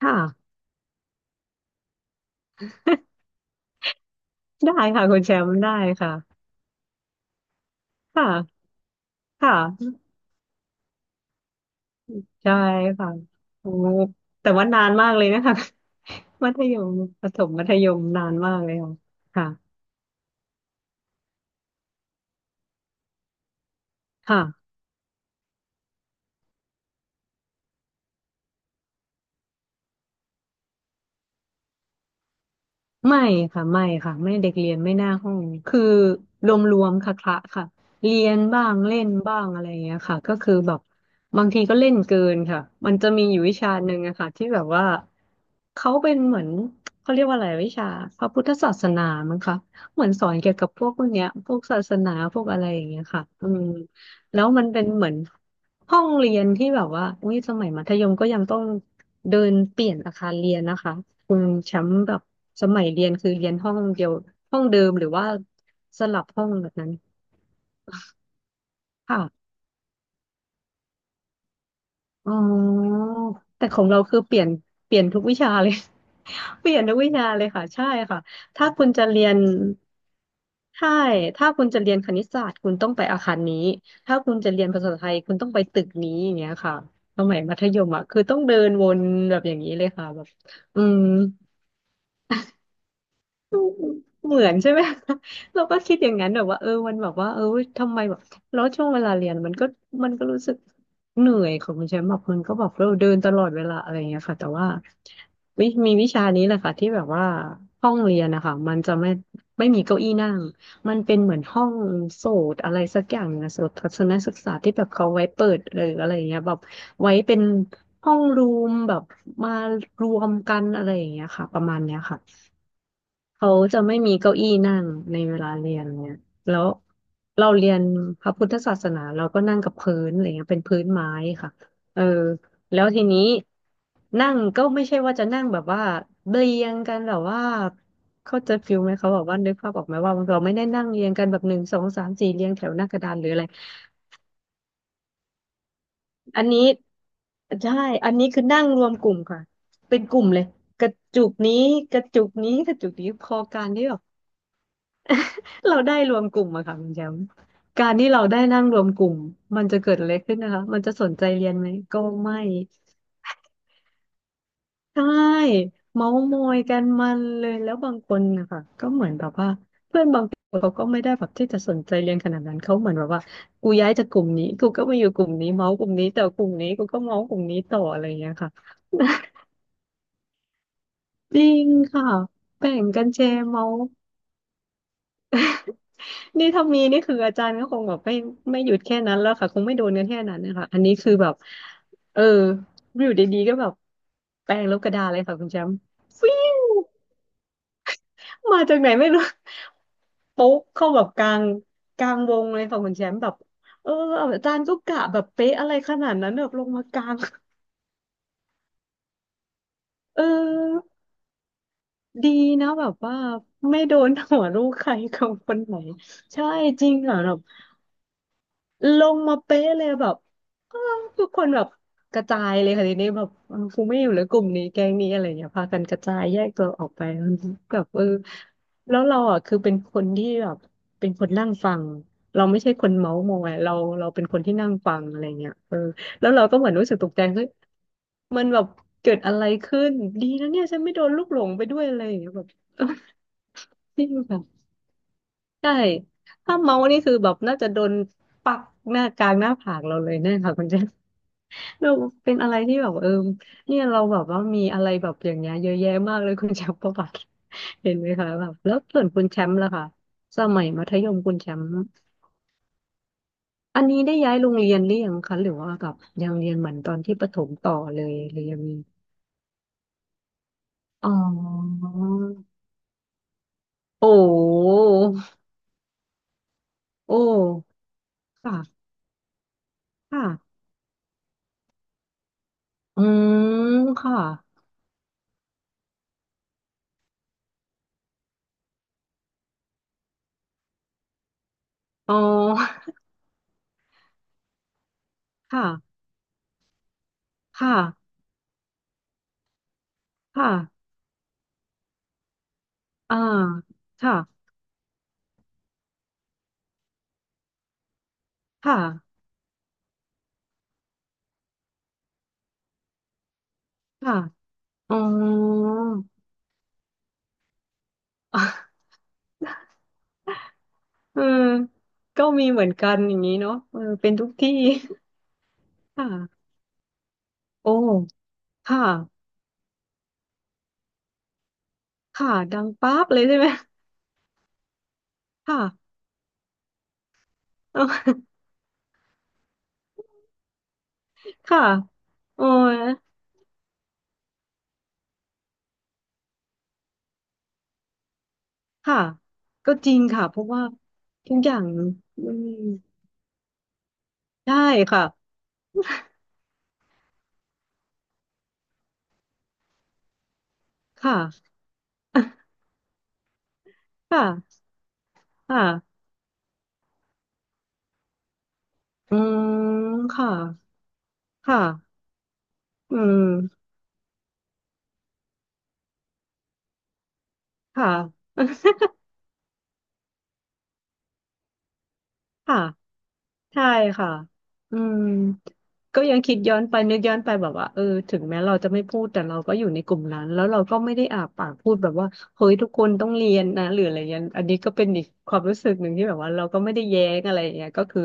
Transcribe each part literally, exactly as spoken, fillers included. ค่ะ ได้ค่ะคุณแชมป์ได้ค่ะค่ะค่ะใช่ค่ะโอ้แต่ว่านานมากเลยนะคะ มัธยมประถมมัธยมนานมากเลยค่ะค่ะค่ะ ไม่ค่ะไม่ค่ะไม่เด็กเรียนไม่หน้าห้องคือรวมรวมค่ะคละค่ะเรียนบ้างเล่นบ้างอะไรอย่างเงี้ยค่ะก็คือแบบบางทีก็เล่นเกินค่ะมันจะมีอยู่วิชาหนึ่งอะค่ะที่แบบว่าเขาเป็นเหมือนเขาเรียกว่าอะไรวิชาพระพุทธศาสนามั้งคะเหมือนสอนเกี่ยวกับพวกพวกเนี้ยพวกศาสนาพวกอะไรอย่างเงี้ยค่ะอืมแล้วมันเป็นเหมือน ห้องเรียนที่แบบว่าอุ้ยสมัยมัธยมก็ยังต้องเดินเปลี่ยนอาคารเรียนนะคะ คุณแชมป์แบบสมัยเรียนคือเรียนห้องเดียวห้องเดิมหรือว่าสลับห้องแบบนั้นค่ะ อ๋อแต่ของเราคือเปลี่ยนเปลี่ยนทุกวิชาเลย เปลี่ยนทุกวิชาเลยค่ะใช่ค่ะถ้าคุณจะเรียนใช่ถ้าคุณจะเรียนคณิตศาสตร์คุณต้องไปอาคารนี้ถ้าคุณจะเรียนภาษาไทยคุณต้องไปตึกนี้อย่างเงี้ยค่ะสมัยมัธยมอ่ะคือต้องเดินวนแบบอย่างนี้เลยค่ะแบบอืม เหมือนใช่ไหม เราก็คิดอย่างนั้นแบบว่าเออมันแบบว่าเออทำไมแบบแล้วช่วงเวลาเรียนมันก็มันก็รู้สึกเหนื่อยของคุณแชมป์แบบมันก็แบบเราเดินตลอดเวลาอะไรอย่างเงี้ยค่ะแต่ว่าวิมีวิชานี้แหละค่ะที่แบบว่าห้องเรียนนะคะมันจะไม่ไม่มีเก้าอี้นั่งมันเป็นเหมือนห้องโสตอะไรสักอย่างนะโสตทัศนศึกษาที่แบบเขาไว้เปิดหรืออะไรอย่างเงี้ยแบบไว้เป็นห้องรูมแบบมารวมกันอะไรอย่างเงี้ยค่ะประมาณเนี้ยค่ะ เขาจะไม่มีเก้าอี้นั่งในเวลาเรียนเนี่ยแล้วเราเรียนพระพุทธศาสนาเราก็นั่งกับพื้นอะไรเงี้ยเป็นพื้นไม้ค่ะเออแล้วทีนี้นั่งก็ไม่ใช่ว่าจะนั่งแบบว่าเรียงกันแบบว่าเขาใจะฟิลไหมเขาบอกว่านึกภาพออกไหมว่าเราไม่ได้นั่งเรียงกันแบบหนึ่งสองสามสี่เรียงแถวหน้ากระดานหรืออะไร อันนี้ใช่อันนี้คือนั่งรวมกลุ่มค่ะเป็นกลุ่มเลยกระจุกนี้กระจุกนี้กระจุกนี้พอการที่แบบ เราได้รวมกลุ่มอะค่ะคุณแชมป์การที่เราได้นั่งรวมกลุ่มมันจะเกิดอะไรขึ้นนะคะ มันจะสนใจเรียนไหมก็ไม่ใช่เมาส์มอยกันมันเลยแล้วบางคนนะคะก็เหมือนแบบว่าเพื่อนบางคนเขาก็ไม่ได้แบบที่จะสนใจเรียนขนาดนั้นเขาเหมือนแบบว่ากูย้ายจากกลุ่มนี้กูก็มาอยู่กลุ่มนี้เมาส์กลุ่มนี้แต่กลุ่มนี้กูก็เมาส์กลุ่มนี้ต่ออะไรอย่างเงี้ยค่ะ จริงค่ะแบ่งกันแชร์เมาส์ นี่ถ้ามีนี่คืออาจารย์ก็คงแบบไม่ไม่หยุดแค่นั้นแล้วค่ะคงไม่โดนกันแค่นั้นนะคะอันนี้คือแบบเอออยู่ดีๆก็แบบแปลงลบกระดาษเลยค่ะคุณแชมป์ฟิวมาจากไหนไม่รู้โป๊ะเข้าแบบกลางกลางวงเลยค่ะคุณแชมป์แบบเอออาจารย์ก็กะแบบเป๊ะอะไรขนาดนั้นแบบลงมากลางเออดีนะแบบว่าไม่โดนหัวลูกใคร ของคนไหนใช่จริงเหรอ ลงมาเป๊ะเลยแบบอ้าวทุกคนแบบกระจายเลยค่ะทีนี้แบบเออกูไม่อยู่แล้วกลุ่มนี้แก๊งนี้อะไรเงี้ยพากันกระจายแยกตัวออกไปแบบเออแล้วเราอ่ะคือเป็นคนที่แบบเป็นคนนั่งฟังเราไม่ใช่คนเมาส์มอยเราเราเป็นคนที่นั่งฟังอะไรเงี้ยเออแล้วเราก็เหมือนรู้สึกตกใจเฮ้ยมันแบบเกิดอะไรขึ้นดีนะเนี่ยฉันไม่โดนลูกหลงไปด้วยอะไรอย่างเงี้ยแบบ ใช่ถ้าเมาสนี่คือแบบน่าจะโดนปักหน้ากลางหน้าผากเราเลยแน่ค่ะคุณเจนเราเป็นอะไรที่แบบเออเนี่ยเราแบบว่ามีอะไรแบบอย่างเงี้ยเยอะแยะมากเลยคุณแชมป์ประวัติ เห็นไหมคะแบบแล้วส่วนคุณแชมป์ล่ะค่ะสมัยมัธยมคุณแชมป์อันนี้ได้ย้ายโรงเรียนหรือยังคะหรือว่าแบบยังเรียนเหมือนตอนที่ประถมต่อเลยหรือยังมีอ๋อโอ้โอ้ค่ะค่ะอืมค่ะอ๋อค่ะ ค่ะค่ะอ่าค่ะค่ะค่ะอ๋อ เออก็มีเหมือนกันอย่างนี้เนาะเออเป็นทุกที่ ค่ะโอ้ค่ะค่ะดังป๊าบเลยใช่ไหมค่ะเออ ค่ะโอ้ยค่ะก็จริงค่ะเพราะว่าทุกอย่างอืมได้ค่ะค่ะ ค่ะค่ะอืมค่ะค่ะอืมค่ะค่ะ ใช่ค่ะอืมก็ยังคิดย้อนไปนึกย้อนไปแบบว่าเออถึงแม้เราจะไม่พูดแต่เราก็อยู่ในกลุ่มนั้นแล้วเราก็ไม่ได้อาปากพูดแบบว่าเฮ้ยทุกคนต้องเรียนนะหรืออะไรเงี้ยอันนี้ก็เป็นอีกความรู้สึกหนึ่งที่แบบว่าเราก็ไม่ได้แย้งอะไรอย่างเงี้ยก็คือ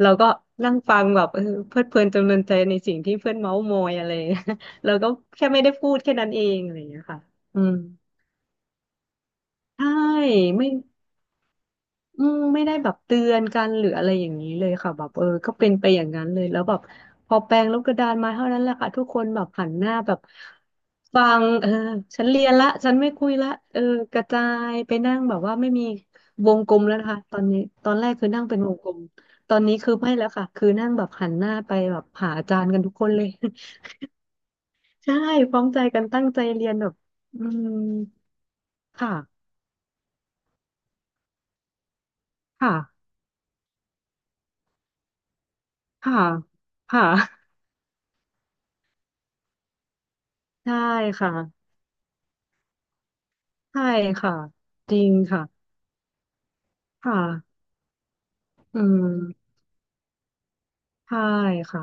เราก็นั่งฟังแบบเออเพลิดเพลินจำเริญใจในสิ่งที่เพื่อนเม้าท์มอยอะไรอย่างเงี้ย เราก็แค่ไม่ได้พูดแค่นั้นเองอะไรอย่างเงี้ยค่ะอืมใช่ไม่ อืมไม่ได้แบบเตือนกันหรืออะไรอย่างนี้เลยค่ะแบบเออก็เป็นไปอย่างนั้นเลยแล้วแบบพอแปลงลบกระดานมาเท่านั้นแหละค่ะทุกคนแบบหันหน้าแบบฟังเออฉันเรียนละฉันไม่คุยละเออกระจายไปนั่งแบบว่าไม่มีวงกลมแล้วนะคะตอนนี้ตอนแรกคือนั่งเป็นวงกลมตอนนี้คือไม่แล้วค่ะคือนั่งแบบหันหน้าไปแบบหาอาจารย์กันทุกคนเลย ใช่พร้อมใจกันตั้งใจเรียนแบบอืมค่ะค่ะค่ะค่ะใช่ค่ะ ใช่ค่ะจริงค่ะค่ะอืมใช่ค่ะ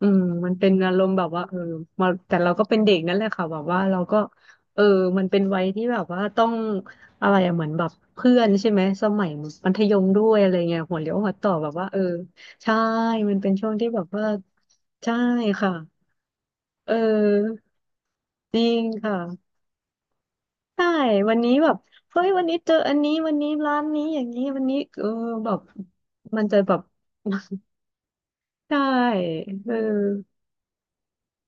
อืมมันเป็นอารมณ์แบบว่าเออมาแต่เราก็เป็นเด็กนั่นแหละค่ะแบบว่าเราก็เออมันเป็นวัยที่แบบว่าต้องอะไรอะเหมือนแบบเพื่อนใช่ไหมสมัยมัธยมด้วยอะไรเงี้ยหัวเลี้ยวหัวต่อแบบว่าเออใช่มันเป็นช่วงที่แบบว่าใช่ค่ะเออจริงค่ะ ใช่วันนี้แบบเฮ้ยวันนี้เจออันนี้วันนี้ร้านนี้อย่างนี้วันนี้เออแบบ มันจะแบบใช่เออ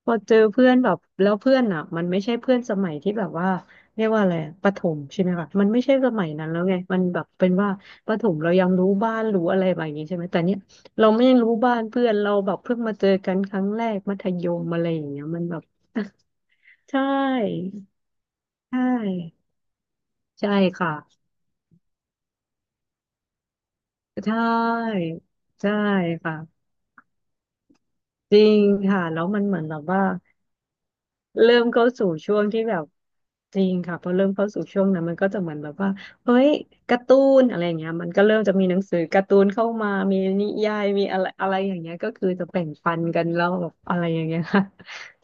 พอเจอเพื่อนแบบแล้วเพื่อนอ่ะมันไม่ใช่เพื่อนสมัยที่แบบว่าเรียกว่าอะไรอะประถมใช่ไหมคะมันไม่ใช่สมัยนั้นแล้วไงมันแบบเป็นว่าประถมเรายังรู้บ้านรู้อะไรแบบนี้ใช่ไหมแต่เนี้ยเราไม่รู้บ้านเพื่อนเราแบบเพิ่งมาเจอกันครั้งแรกมัธยมอะไรอย่างเงี้ยมันแบบ ใช่ใช่ใช่ค่ะ ใช่ใช่ค่ะจริงค่ะแล้วมันเหมือนแบบว่าเริ่มเข้าสู่ช่วงที่แบบจริงค่ะพอเริ่มเข้าสู่ช่วงนั้นมันก็จะเหมือนแบบว่าเฮ้ยการ์ตูนอะไรอย่างเงี้ยมันก็เริ่มจะมีหนังสือการ์ตูนเข้ามามีนิยายมีอะไรอะไรอย่างเงี้ยก็คือจะแบ่งปันกันแล้วแบบอะไรอย่างเงี้ยค่ะ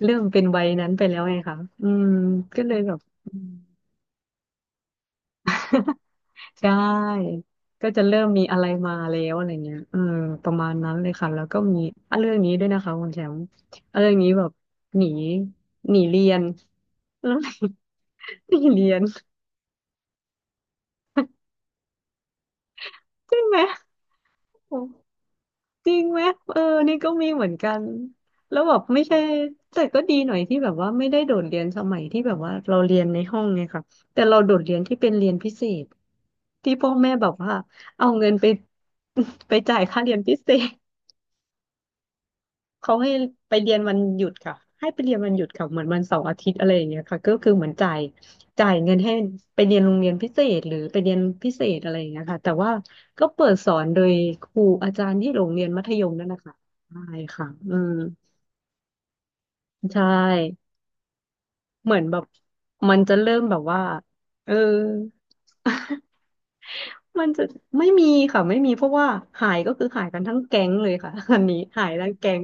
เริ่มเป็นวัยนั้นไปแล้วไงคะอืมก็เลยแบบอืม ใช่ก็จะเริ่มมีอะไรมาแล้วอะไรเงี้ยเออประมาณนั้นเลยค่ะแล้วก็มีอ่ะเรื่องนี้ด้วยนะคะคุณแชมป์อ่ะเรื่องนี้แบบหนีหนีเรียน แล้วหนีหนีเรียนจริงไหมโอ้จริงไหมเออนี่ก็มีเหมือนกันแล้วแบบไม่ใช่แต่ก็ดีหน่อยที่แบบว่าไม่ได้โดดเรียนสมัยที่แบบว่าเราเรียนในห้องไงค่ะแต่เราโดดเรียนที่เป็นเรียนพิเศษที่พ่อแม่แบบว่าเอาเงินไป ไปจ่ายค่าเรียนพิเศษ เขาให้ไปเรียนวันหยุดค่ะให้ไปเรียนวันหยุดค่ะเหมือนวันเสาร์อาทิตย์อะไรอย่างเงี้ยค่ะก็คือเหมือนจ่ายจ่ายเงินให้ไปเรียนโรงเรียนพิเศษหรือไปเรียนพิเศษอะไรอย่างเงี้ยค่ะแต่ว่าก็เปิดสอนโดยครูอาจารย์ที่โรงเรียนมัธยมนั่นแหละค่ะใช่ค่ะอืมใช่ เหมือนแบบมันจะเริ่มแบบว่าเออ มันจะไม่มีค่ะไม่มีเพราะว่าหายก็คือหายกันทั้งแก๊งเลยค่ะ อันนี้หายทั้งแก๊ง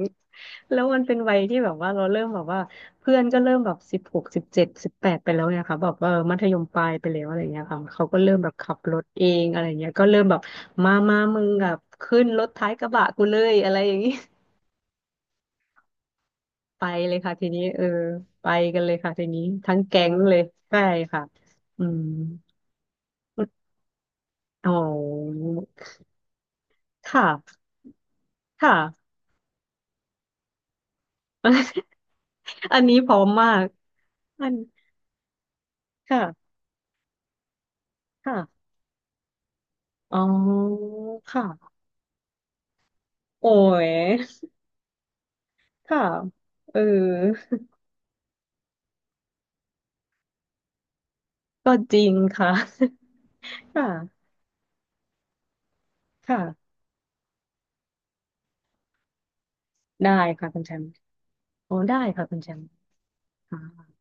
แล้วมันเป็นวัยที่แบบว่าเราเริ่มแบบว่าเพื่อนก็เริ่มแบบสิบหกสิบเจ็ดสิบแปดไปแล้วเนี่ยค่ะแบบเออมัธยมปลายไปแล้วอะไรเงี้ยค่ะเขาก็เริ่มแบบขับรถเองอะไรเงี้ยก็เริ่มแบบมามามึงแบบขึ้นรถท้ายกระบะกูเลยอะไรอย่างนี้ ไปเลยค่ะทีนี้เออไปกันเลยค่ะทีนี้ทั้งแก๊งเลยใช่ค่ะอืมอ๋อค่ะค่ะ อันนี้พร้อมมากอันค่ะค่ะอ๋อค่ะโอ้ยค่ะเออก็จริงค่ะ ค่ะค่ะได้ค่ะคุณแชมป์โอ้ได้ค่ะคุณแชมป์ค่ะ